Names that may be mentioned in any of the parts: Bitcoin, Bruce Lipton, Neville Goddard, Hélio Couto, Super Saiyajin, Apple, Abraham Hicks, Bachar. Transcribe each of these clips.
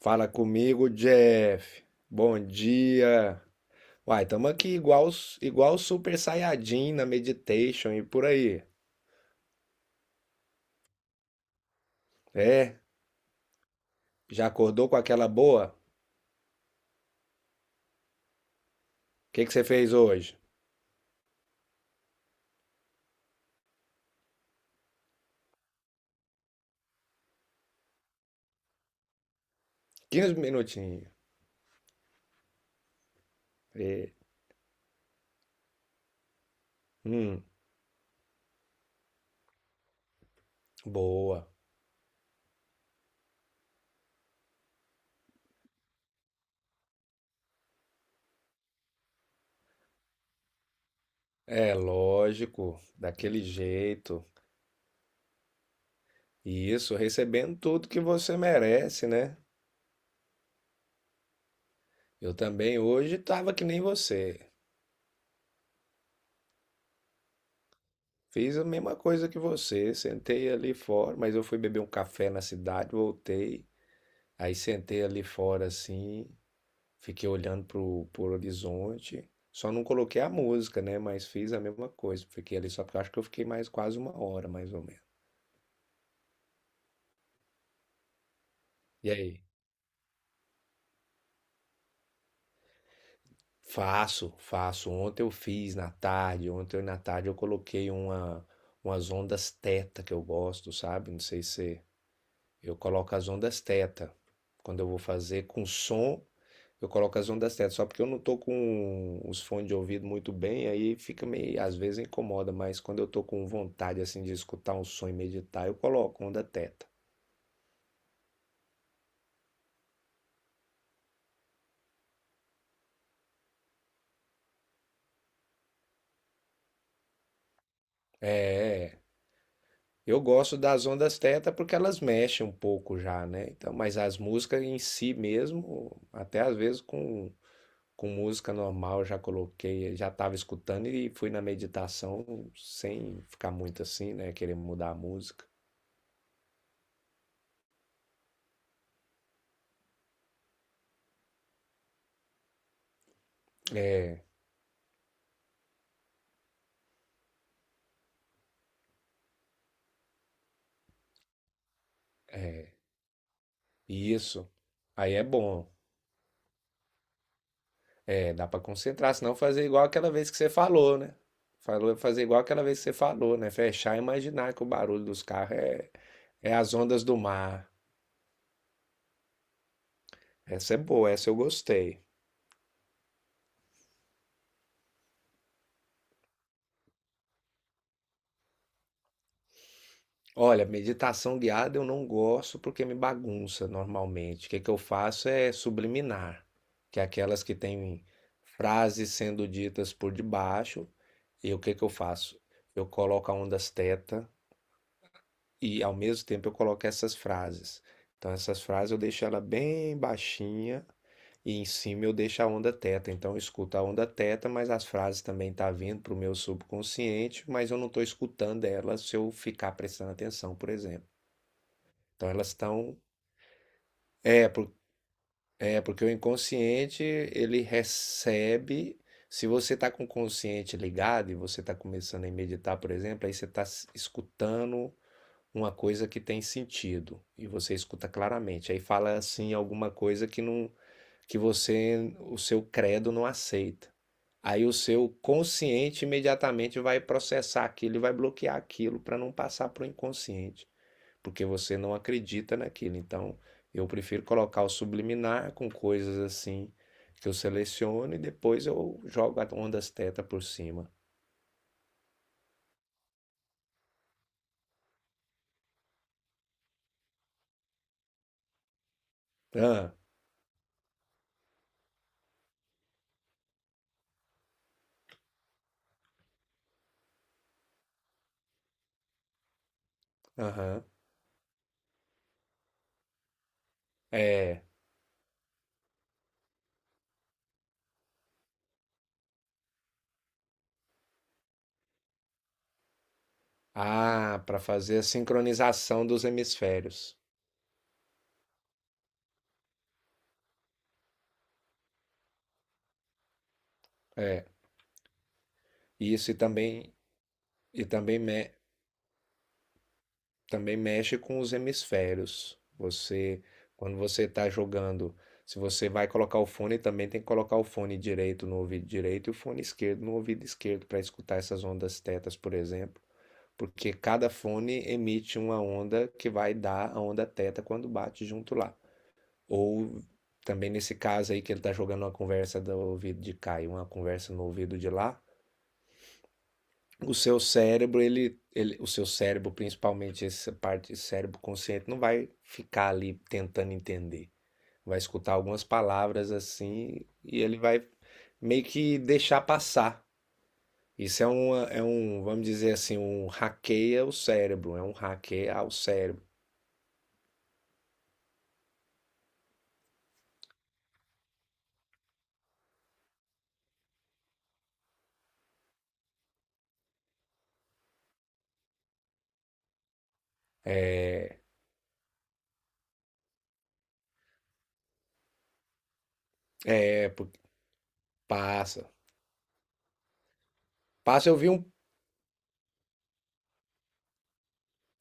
Fala comigo, Jeff. Bom dia. Uai, tamo aqui igual os Super Saiyajin na Meditation e por aí. É? Já acordou com aquela boa? O que que você fez hoje? 15 minutinhos. É. Hum, boa. É lógico, daquele jeito. Isso, recebendo tudo que você merece, né? Eu também hoje tava que nem você. Fiz a mesma coisa que você, sentei ali fora, mas eu fui beber um café na cidade, voltei. Aí sentei ali fora assim, fiquei olhando pro horizonte. Só não coloquei a música, né? Mas fiz a mesma coisa. Fiquei ali só porque eu acho que eu fiquei mais quase uma hora, mais ou menos. E aí? Faço, faço. Ontem eu fiz na tarde. Ontem na tarde eu coloquei umas ondas teta que eu gosto, sabe? Não sei se. Eu coloco as ondas teta. Quando eu vou fazer com som, eu coloco as ondas teta. Só porque eu não tô com os fones de ouvido muito bem, aí fica meio, às vezes incomoda, mas quando eu tô com vontade assim de escutar um som e meditar, eu coloco onda teta. É, eu gosto das ondas teta porque elas mexem um pouco já, né? Então, mas as músicas em si mesmo, até às vezes com música normal, já coloquei, já estava escutando e fui na meditação sem ficar muito assim, né? Querer mudar a música. E isso, aí é bom. É, dá para concentrar, senão fazer igual aquela vez que você falou, né? Falou, fazer igual aquela vez que você falou, né? Fechar e imaginar que o barulho dos carros é as ondas do mar. Essa é boa, essa eu gostei. Olha, meditação guiada eu não gosto porque me bagunça normalmente. O que que eu faço é subliminar, que é aquelas que têm frases sendo ditas por debaixo. E o que que eu faço? Eu coloco a ondas teta e ao mesmo tempo eu coloco essas frases. Então essas frases eu deixo ela bem baixinha e em cima eu deixo a onda teta. Então eu escuto a onda teta, mas as frases também estão vindo para o meu subconsciente, mas eu não estou escutando elas se eu ficar prestando atenção, por exemplo. Então elas estão. É, porque o inconsciente ele recebe. Se você está com o consciente ligado e você está começando a meditar, por exemplo, aí você está escutando uma coisa que tem sentido e você escuta claramente. Aí fala assim alguma coisa que não, que você, o seu credo não aceita. Aí o seu consciente imediatamente vai processar aquilo e vai bloquear aquilo para não passar para o inconsciente porque você não acredita naquilo. Então, eu prefiro colocar o subliminar com coisas assim que eu seleciono e depois eu jogo a ondas teta por cima. Ah, aham. É. Ah, para fazer a sincronização dos hemisférios. É. Isso e também mexe com os hemisférios. Você, quando você está jogando, se você vai colocar o fone, também tem que colocar o fone direito no ouvido direito e o fone esquerdo no ouvido esquerdo para escutar essas ondas tetas, por exemplo, porque cada fone emite uma onda que vai dar a onda teta quando bate junto lá. Ou também nesse caso aí que ele está jogando uma conversa do ouvido de cá e uma conversa no ouvido de lá, o seu cérebro, principalmente essa parte do cérebro consciente, não vai ficar ali tentando entender. Vai escutar algumas palavras assim e ele vai meio que deixar passar. Isso é, vamos dizer assim, um hackeia o cérebro, é um hackeia ao cérebro. É, é, passa. Passa, eu vi um,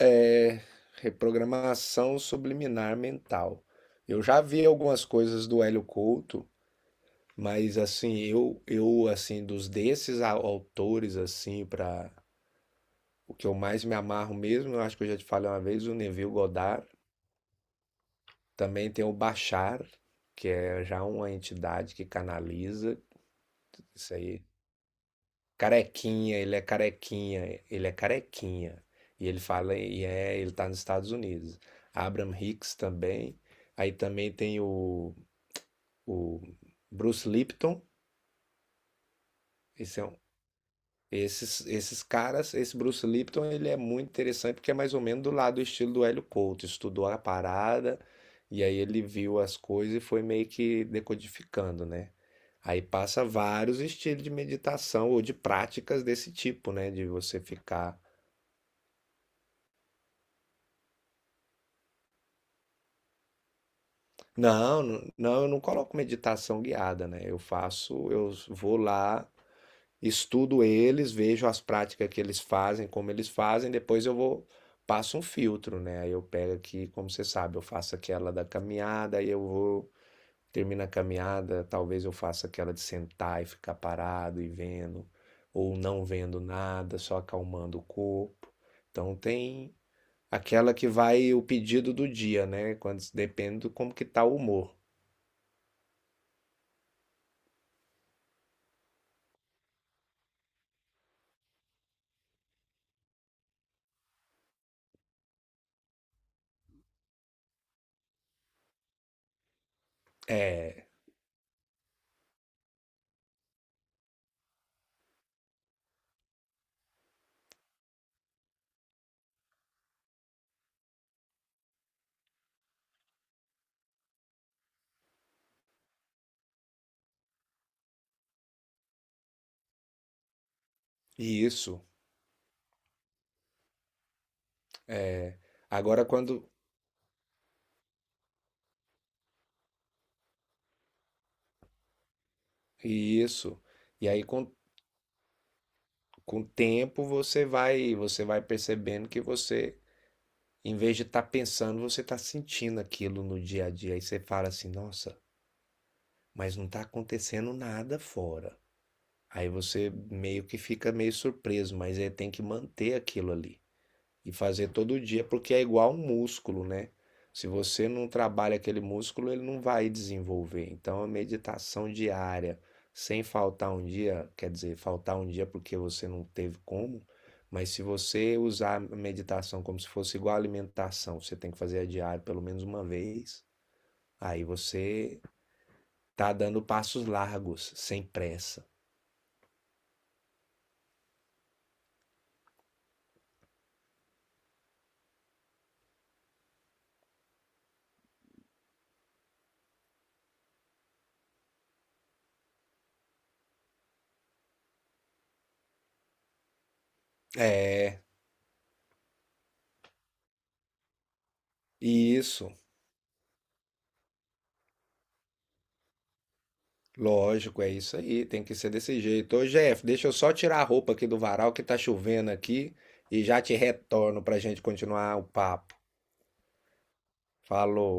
é, reprogramação subliminar mental. Eu já vi algumas coisas do Hélio Couto. Mas assim, eu assim dos desses autores assim para o que eu mais me amarro mesmo, eu acho que eu já te falei uma vez, o Neville Goddard, também tem o Bachar, que é já uma entidade que canaliza isso aí. Carequinha, ele é carequinha, ele é carequinha. E ele fala, ele tá nos Estados Unidos. Abraham Hicks também. Aí também tem o Bruce Lipton. esse é Esses, esses caras, esse Bruce Lipton, ele é muito interessante porque é mais ou menos do lado do estilo do Hélio Couto. Estudou a parada e aí ele viu as coisas e foi meio que decodificando, né? Aí passa vários estilos de meditação ou de práticas desse tipo, né? De você ficar. Não, não, não, eu não coloco meditação guiada, né? Eu faço, eu vou lá. Estudo eles, vejo as práticas que eles fazem, como eles fazem, depois eu vou passo um filtro, né? Aí eu pego aqui, como você sabe, eu faço aquela da caminhada, aí eu vou termino a caminhada, talvez eu faça aquela de sentar e ficar parado e vendo ou não vendo nada, só acalmando o corpo. Então tem aquela que vai o pedido do dia, né? Quando depende do como que tá o humor. É, e isso, é, agora quando e isso. E aí. Com o tempo você vai percebendo que você, em vez de estar pensando, você está sentindo aquilo no dia a dia. Aí você fala assim, nossa, mas não está acontecendo nada fora. Aí você meio que fica meio surpreso, mas aí tem que manter aquilo ali e fazer todo dia, porque é igual um músculo, né? Se você não trabalha aquele músculo, ele não vai desenvolver. Então, a meditação diária, sem faltar um dia, quer dizer, faltar um dia porque você não teve como, mas se você usar a meditação como se fosse igual a alimentação, você tem que fazer a diária pelo menos uma vez, aí você tá dando passos largos, sem pressa. É, e isso. Lógico, é isso aí, tem que ser desse jeito. Ô, Jeff, deixa eu só tirar a roupa aqui do varal que tá chovendo aqui e já te retorno pra gente continuar o papo. Falou.